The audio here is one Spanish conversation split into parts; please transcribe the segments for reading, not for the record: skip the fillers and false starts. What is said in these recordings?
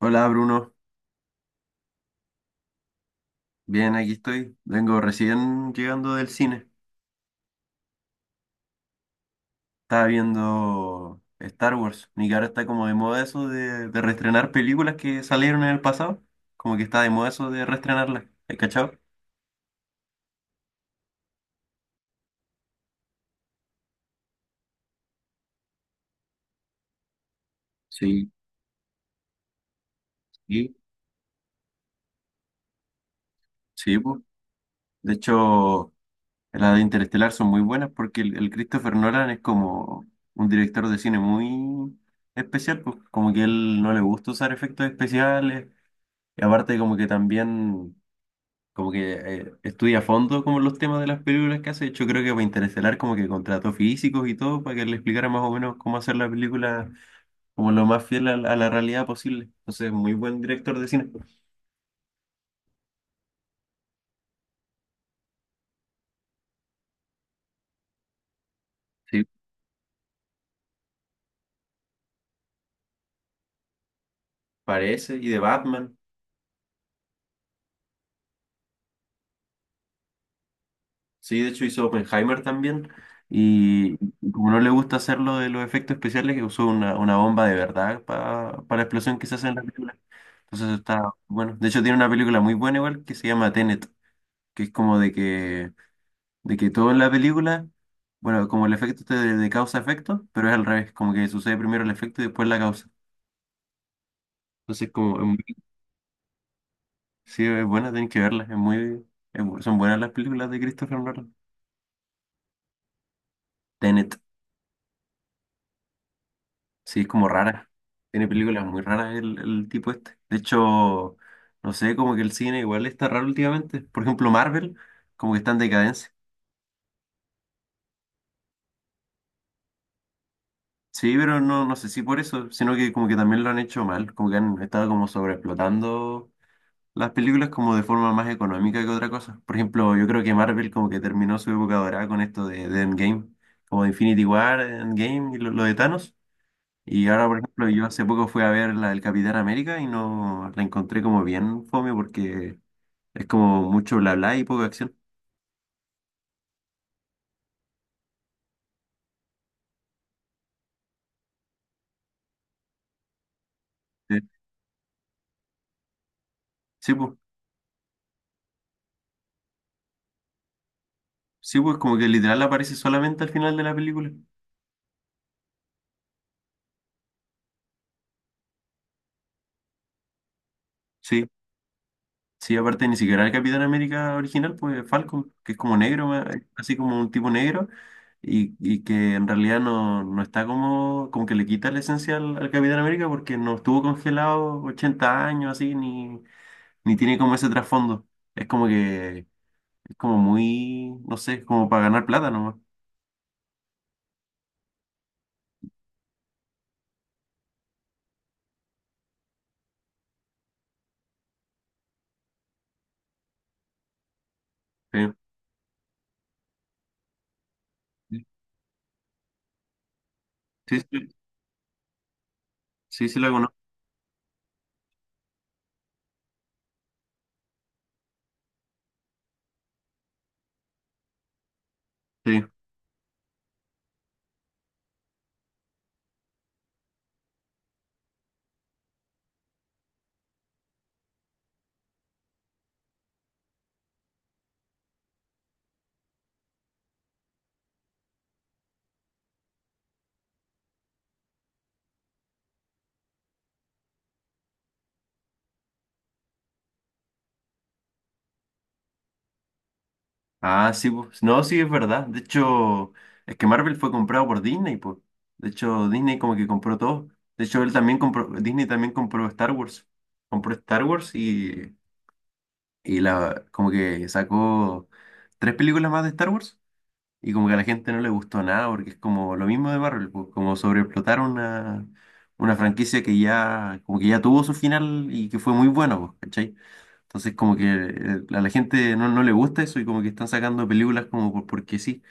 Hola, Bruno. Bien, aquí estoy. Vengo recién llegando del cine. Estaba viendo Star Wars y que ahora está como de moda eso de reestrenar películas que salieron en el pasado. Como que está de moda eso de reestrenarlas. ¿Has cachado? Sí, sí, sí, pues. De hecho, las de Interestelar son muy buenas porque el Christopher Nolan es como un director de cine muy especial, pues como que él no le gusta usar efectos especiales. Y aparte como que también como que estudia a fondo como los temas de las películas que hace. De hecho, creo que para Interestelar como que contrató físicos y todo para que le explicara más o menos cómo hacer la película como lo más fiel a la realidad posible. Entonces, muy buen director de cine. Sí, parece. Y de Batman. Sí, de hecho hizo Oppenheimer también. Y como no le gusta hacer lo de los efectos especiales, que usó una bomba de verdad para la explosión que se hace en la película. Entonces está bueno. De hecho, tiene una película muy buena igual que se llama Tenet, que es como de que todo en la película, bueno, como el efecto este de causa-efecto, pero es al revés, como que sucede primero el efecto y después la causa. Entonces, como, sí, es buena, tienen que verla, es muy, son buenas las películas de Christopher Nolan. Tenet, sí, es como rara, tiene películas muy raras el tipo este. De hecho, no sé, como que el cine igual está raro últimamente. Por ejemplo, Marvel, como que está en decadencia. Sí, pero no, no sé si por eso, sino que como que también lo han hecho mal, como que han estado como sobreexplotando las películas como de forma más económica que otra cosa. Por ejemplo, yo creo que Marvel como que terminó su época dorada con esto de Endgame, como Infinity War, Endgame y lo de Thanos. Y ahora, por ejemplo, yo hace poco fui a ver la del Capitán América y no la encontré como bien fome porque es como mucho bla bla y poca acción. Eh, Sí, pues, sí, pues como que literal aparece solamente al final de la película. Sí, Sí, aparte ni siquiera el Capitán América original, pues Falcon, que es como negro, así como un tipo negro, y que en realidad no está como, como que le quita la esencia al Capitán América porque no estuvo congelado 80 años así, ni tiene como ese trasfondo. Es como que, es como muy, no sé, es como para ganar plata nomás. Sí, sí, sí, sí, sí lo conozco. Sí. Ah, sí, pues. No, sí, es verdad. De hecho, es que Marvel fue comprado por Disney, pues. De hecho, Disney como que compró todo. De hecho, él también compró, Disney también compró Star Wars. Compró Star Wars y como que sacó tres películas más de Star Wars. Y como que a la gente no le gustó nada, porque es como lo mismo de Marvel, pues, como sobreexplotar una franquicia que ya, como que ya tuvo su final y que fue muy bueno, pues, ¿cachai? Entonces como que a la gente no le gusta eso y como que están sacando películas como porque sí.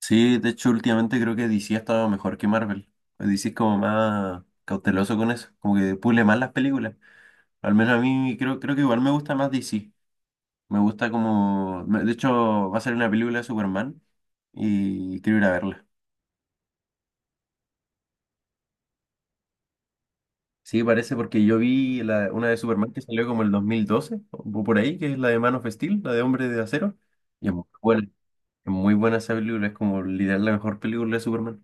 Sí, de hecho últimamente creo que DC ha estado mejor que Marvel. DC es como más cauteloso con eso, como que pule más las películas. Al menos a mí creo que igual me gusta más DC. Me gusta como... De hecho va a ser una película de Superman y quiero ir a verla. Sí, parece porque yo vi una de Superman que salió como el 2012, o por ahí, que es la de Man of Steel, la de Hombre de Acero. Y es muy buena esa película, es como literal la mejor película de Superman.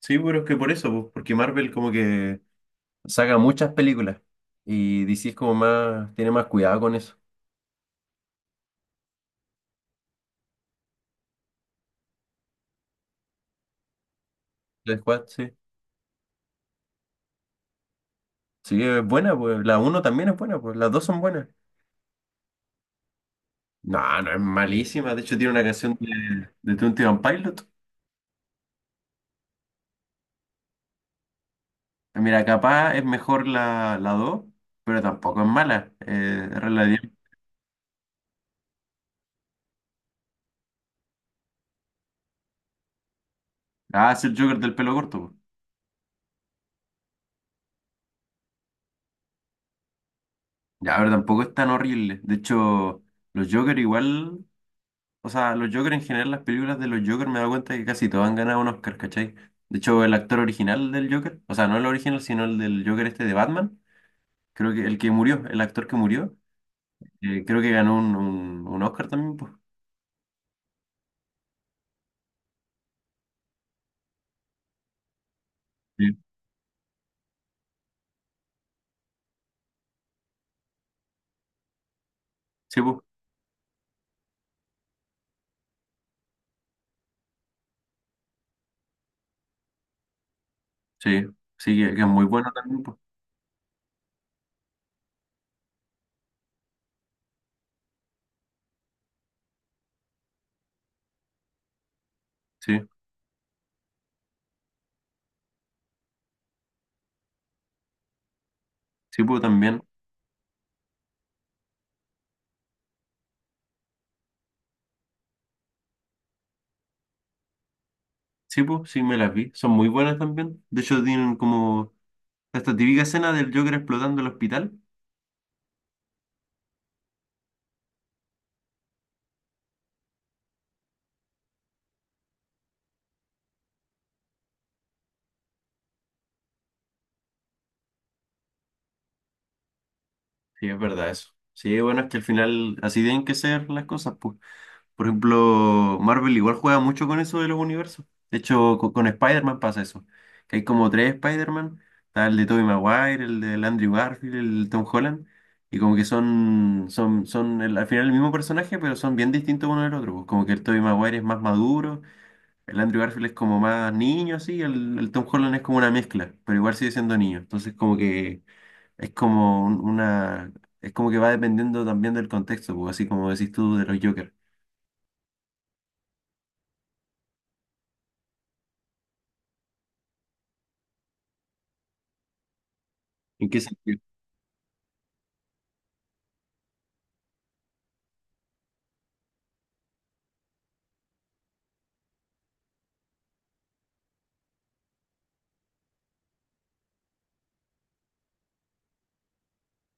Sí, pero es que por eso, pues, porque Marvel como que saca muchas películas y DC es como más, tiene más cuidado con eso. La Squad, sí. Sí, es buena, pues la uno también es buena, pues las dos son buenas. No, no es malísima, de hecho tiene una canción de Twenty One Pilots. Mira, capaz es mejor la 2, pero tampoco es mala. Es relativamente- Ah, es el Joker del pelo corto, po. Ya, pero tampoco es tan horrible. De hecho, los Joker igual, o sea, los Joker en general, las películas de los Joker me he dado cuenta que casi todos han ganado un Oscar, ¿cachai? De hecho, el actor original del Joker, o sea, no el original, sino el del Joker este de Batman, creo que el que murió, el actor que murió, creo que ganó un Oscar también, pues. Sí, sí, pues. Sí, sí, que es muy bueno también, pues. Sí, sí, pues también. Sí, pues, sí, me las vi. Son muy buenas también. De hecho, tienen como esta típica escena del Joker explotando el hospital. Sí, es verdad eso. Sí, bueno, es que al final así tienen que ser las cosas, pues. Por ejemplo, Marvel igual juega mucho con eso de los universos. De hecho, con Spider-Man pasa eso. Que hay como tres Spider-Man. Está el de Tobey Maguire, el de Andrew Garfield, el de Tom Holland. Y como que son al final el mismo personaje, pero son bien distintos uno del otro, pues. Como que el Tobey Maguire es más maduro. El Andrew Garfield es como más niño, así, el Tom Holland es como una mezcla, pero igual sigue siendo niño. Entonces como que es como un- una, es como que va dependiendo también del contexto, pues, así como decís tú de los Joker. ¿En qué sentido?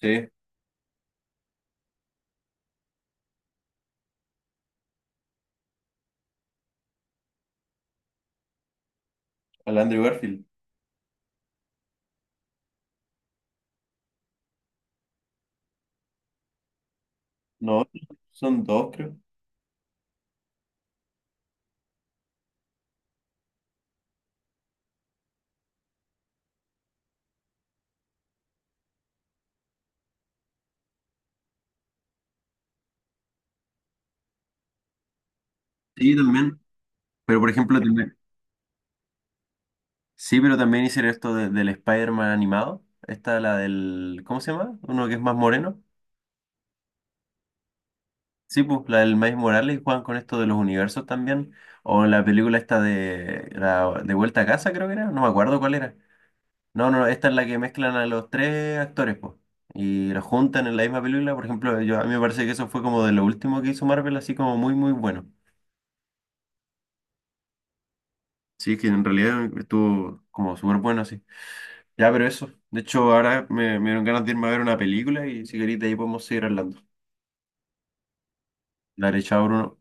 Sí, al Andrew Garfield. No, son dos, creo. Sí, también. Pero por ejemplo, sí, pero también hicieron esto del Spider-Man animado. Esta, la del, ¿cómo se llama? Uno que es más moreno. Sí, pues la del Miles Morales juegan con esto de los universos también. O la película esta de la, de Vuelta a Casa, creo que era. No me acuerdo cuál era. No, no, no, esta es la que mezclan a los tres actores, pues. Y los juntan en la misma película. Por ejemplo, yo, a mí me parece que eso fue como de lo último que hizo Marvel, así como muy, muy bueno. Sí, que en realidad estuvo como súper bueno así. Ya, pero eso. De hecho, ahora me dieron ganas de irme a ver una película y si querés de ahí podemos seguir hablando. Dale, chao, Bruno.